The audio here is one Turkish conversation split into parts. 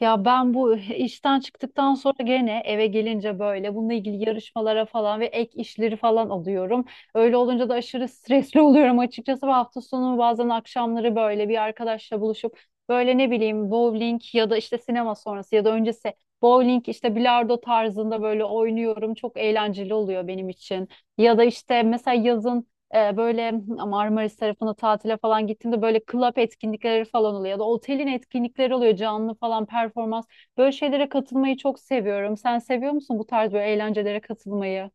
Ya ben bu işten çıktıktan sonra gene eve gelince böyle bununla ilgili yarışmalara falan ve ek işleri falan alıyorum. Öyle olunca da aşırı stresli oluyorum açıkçası. Bu hafta sonu bazen akşamları böyle bir arkadaşla buluşup böyle ne bileyim bowling ya da işte sinema sonrası ya da öncesi bowling işte bilardo tarzında böyle oynuyorum. Çok eğlenceli oluyor benim için. Ya da işte mesela yazın böyle Marmaris tarafına tatile falan gittiğimde böyle club etkinlikleri falan oluyor ya da otelin etkinlikleri oluyor canlı falan performans. Böyle şeylere katılmayı çok seviyorum. Sen seviyor musun bu tarz böyle eğlencelere katılmayı?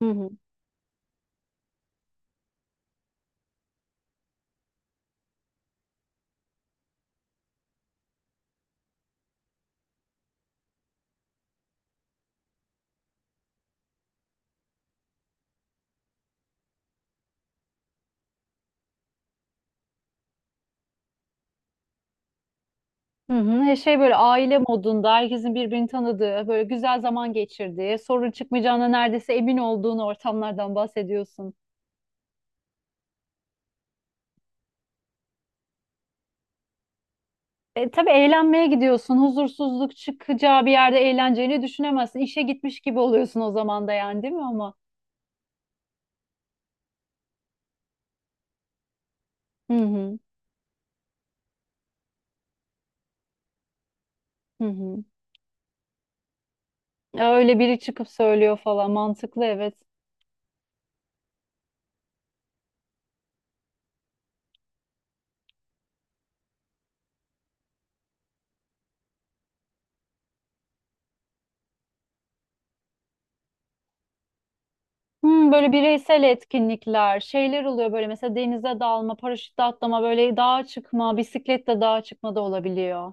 Hı hı. Hı hı. Şey böyle aile modunda herkesin birbirini tanıdığı, böyle güzel zaman geçirdiği, sorun çıkmayacağına neredeyse emin olduğun ortamlardan bahsediyorsun. Tabii eğlenmeye gidiyorsun. Huzursuzluk çıkacağı bir yerde eğleneceğini düşünemezsin. İşe gitmiş gibi oluyorsun o zaman da yani, değil mi ama? Hı hı. Hı hı. Ya, öyle biri çıkıp söylüyor falan, mantıklı, evet. Hmm, böyle bireysel etkinlikler, şeyler oluyor böyle mesela denize dalma, paraşütle atlama, böyle dağa çıkma, bisikletle dağa çıkma da olabiliyor.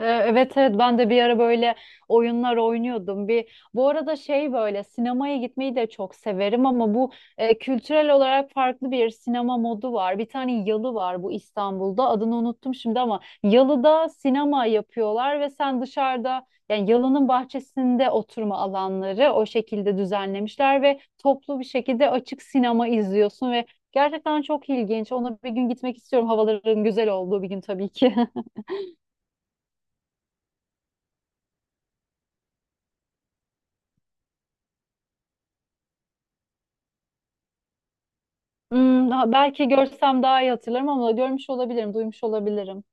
Evet evet ben de bir ara böyle oyunlar oynuyordum. Bir bu arada şey böyle sinemaya gitmeyi de çok severim ama bu e, kültürel olarak farklı bir sinema modu var. Bir tane yalı var bu İstanbul'da. Adını unuttum şimdi ama yalıda sinema yapıyorlar ve sen dışarıda yani yalının bahçesinde oturma alanları o şekilde düzenlemişler ve toplu bir şekilde açık sinema izliyorsun ve gerçekten çok ilginç. Ona bir gün gitmek istiyorum. Havaların güzel olduğu bir gün tabii ki. Hmm, belki görsem daha iyi hatırlarım ama görmüş olabilirim, duymuş olabilirim.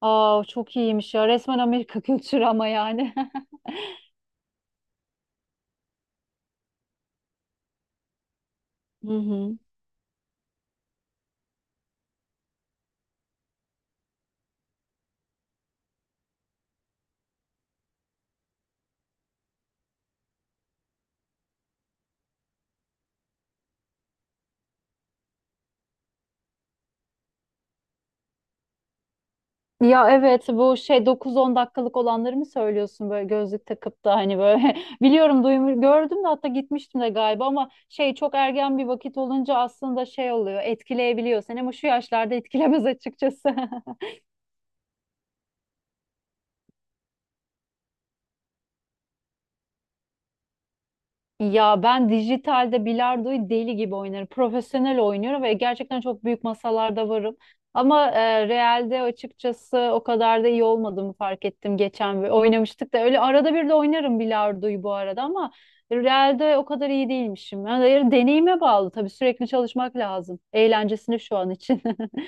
Aa, çok iyiymiş ya. Resmen Amerika kültürü ama yani. Hı hı. Ya evet, bu şey 9-10 dakikalık olanları mı söylüyorsun, böyle gözlük takıp da hani böyle, biliyorum, duymuş gördüm de, hatta gitmiştim de galiba ama şey, çok ergen bir vakit olunca aslında şey oluyor, etkileyebiliyor seni, ama şu yaşlarda etkilemez açıkçası. Ya ben dijitalde bilardoyu deli gibi oynarım. Profesyonel oynuyorum ve gerçekten çok büyük masalarda varım. Ama realde açıkçası o kadar da iyi olmadığımı fark ettim geçen ve oynamıştık da, öyle arada bir de oynarım bilardoyu bu arada, ama realde o kadar iyi değilmişim. Yani deneyime bağlı tabii, sürekli çalışmak lazım. Eğlencesini şu an için.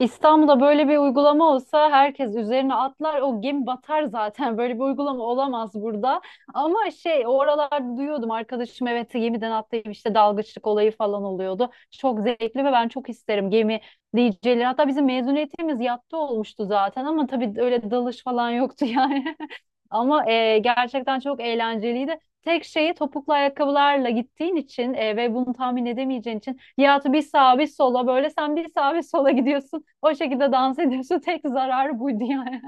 İstanbul'da böyle bir uygulama olsa herkes üzerine atlar, o gemi batar zaten. Böyle bir uygulama olamaz burada, ama şey, oralarda duyuyordum arkadaşım, evet, gemiden atlayıp işte dalgıçlık olayı falan oluyordu, çok zevkli ve ben çok isterim gemi DJ'leri, hatta bizim mezuniyetimiz yatta olmuştu zaten ama tabii öyle dalış falan yoktu yani. Ama gerçekten çok eğlenceliydi. Tek şeyi, topuklu ayakkabılarla gittiğin için ve bunu tahmin edemeyeceğin için Nihat'ı bir sağa bir sola, böyle sen bir sağa bir sola gidiyorsun. O şekilde dans ediyorsun. Tek zararı buydu yani.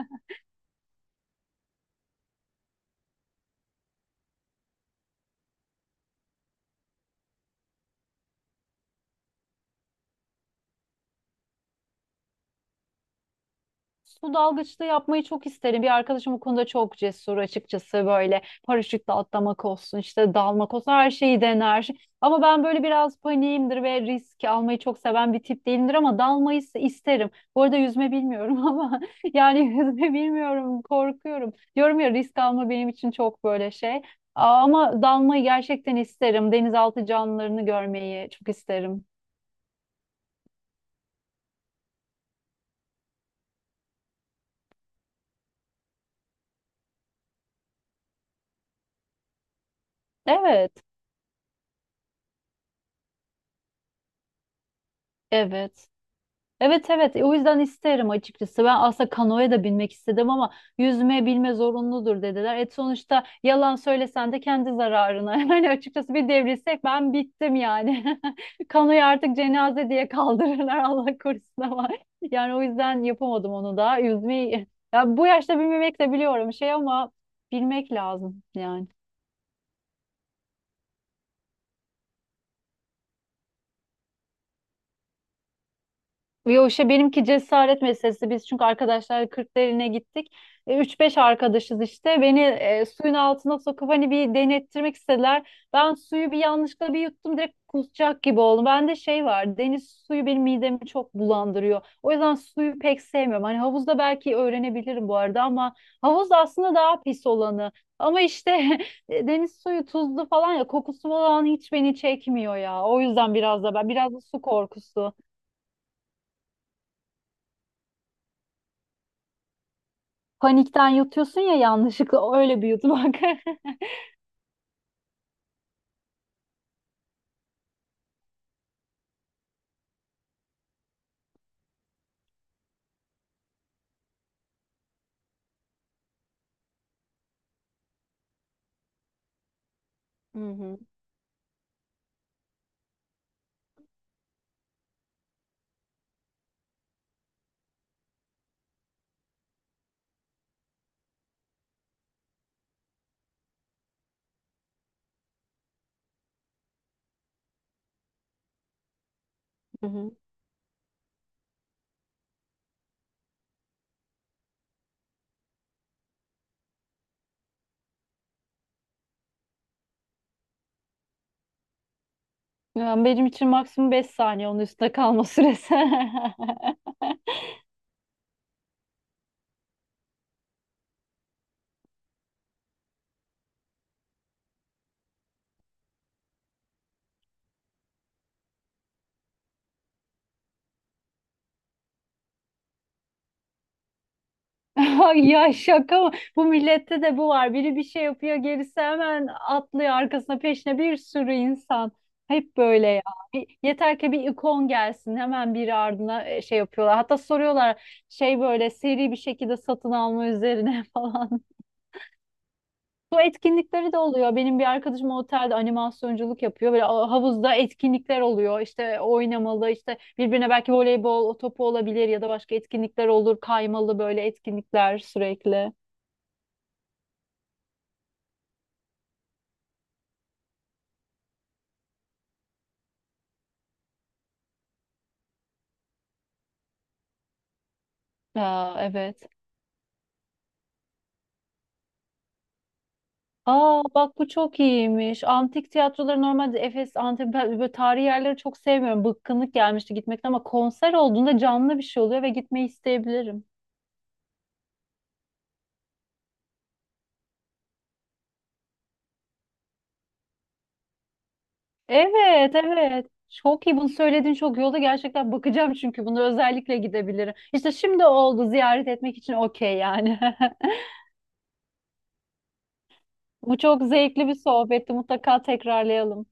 Su dalgıçlığı yapmayı çok isterim. Bir arkadaşım bu konuda çok cesur açıkçası, böyle paraşütle atlamak olsun, işte dalmak olsun, her şeyi dener. Ama ben böyle biraz paniğimdir ve risk almayı çok seven bir tip değilimdir, ama dalmayı ise isterim. Bu arada yüzme bilmiyorum ama yani yüzme bilmiyorum, korkuyorum. Diyorum ya, risk alma benim için çok böyle şey. Ama dalmayı gerçekten isterim. Denizaltı canlılarını görmeyi çok isterim. Evet, evet. Evet, evet. O yüzden isterim açıkçası. Ben aslında kanoya da binmek istedim ama yüzme bilme zorunludur dediler. Et sonuçta, yalan söylesen de kendi zararına. Yani açıkçası bir devrilsek ben bittim yani. Kanoyu artık cenaze diye kaldırırlar, Allah korusun ama. Yani o yüzden yapamadım onu da. Yüzmeyi, ya bu yaşta bilmemek de biliyorum şey ama bilmek lazım yani. Yo işte, benimki cesaret meselesi. Biz çünkü arkadaşlar Kırklareli'ne gittik. 3-5 arkadaşız işte. Beni suyun altına sokup hani bir denettirmek istediler. Ben suyu bir yanlışlıkla bir yuttum, direkt kusacak gibi oldum. Bende şey var, deniz suyu benim midemi çok bulandırıyor. O yüzden suyu pek sevmiyorum. Hani havuzda belki öğrenebilirim bu arada, ama havuz aslında daha pis olanı. Ama işte deniz suyu tuzlu falan, ya kokusu falan hiç beni çekmiyor ya. O yüzden biraz da ben, biraz da su korkusu. Panikten yutuyorsun ya, yanlışlıkla öyle bir yutmak. Hı hı, hı hı. Yani benim için maksimum 5 saniye onun üstüne kalma süresi. Ay, ya şaka mı? Bu millette de bu var. Biri bir şey yapıyor, gerisi hemen atlıyor arkasına peşine, bir sürü insan. Hep böyle ya. Yeter ki bir ikon gelsin, hemen biri ardına şey yapıyorlar. Hatta soruyorlar şey, böyle seri bir şekilde satın alma üzerine falan. Su etkinlikleri de oluyor. Benim bir arkadaşım otelde animasyonculuk yapıyor. Böyle havuzda etkinlikler oluyor. İşte oynamalı, işte birbirine belki voleybol topu olabilir ya da başka etkinlikler olur. Kaymalı böyle etkinlikler sürekli. Aa, evet. Aa bak, bu çok iyiymiş. Antik tiyatroları normalde Efes, Antep, ben böyle tarihi yerleri çok sevmiyorum. Bıkkınlık gelmişti gitmekten, ama konser olduğunda canlı bir şey oluyor ve gitmeyi isteyebilirim. Evet, evet. Çok iyi bunu söyledin, çok iyi oldu. Gerçekten bakacağım, çünkü bunu özellikle gidebilirim. İşte şimdi oldu ziyaret etmek için, okey yani. Bu çok zevkli bir sohbetti. Mutlaka tekrarlayalım.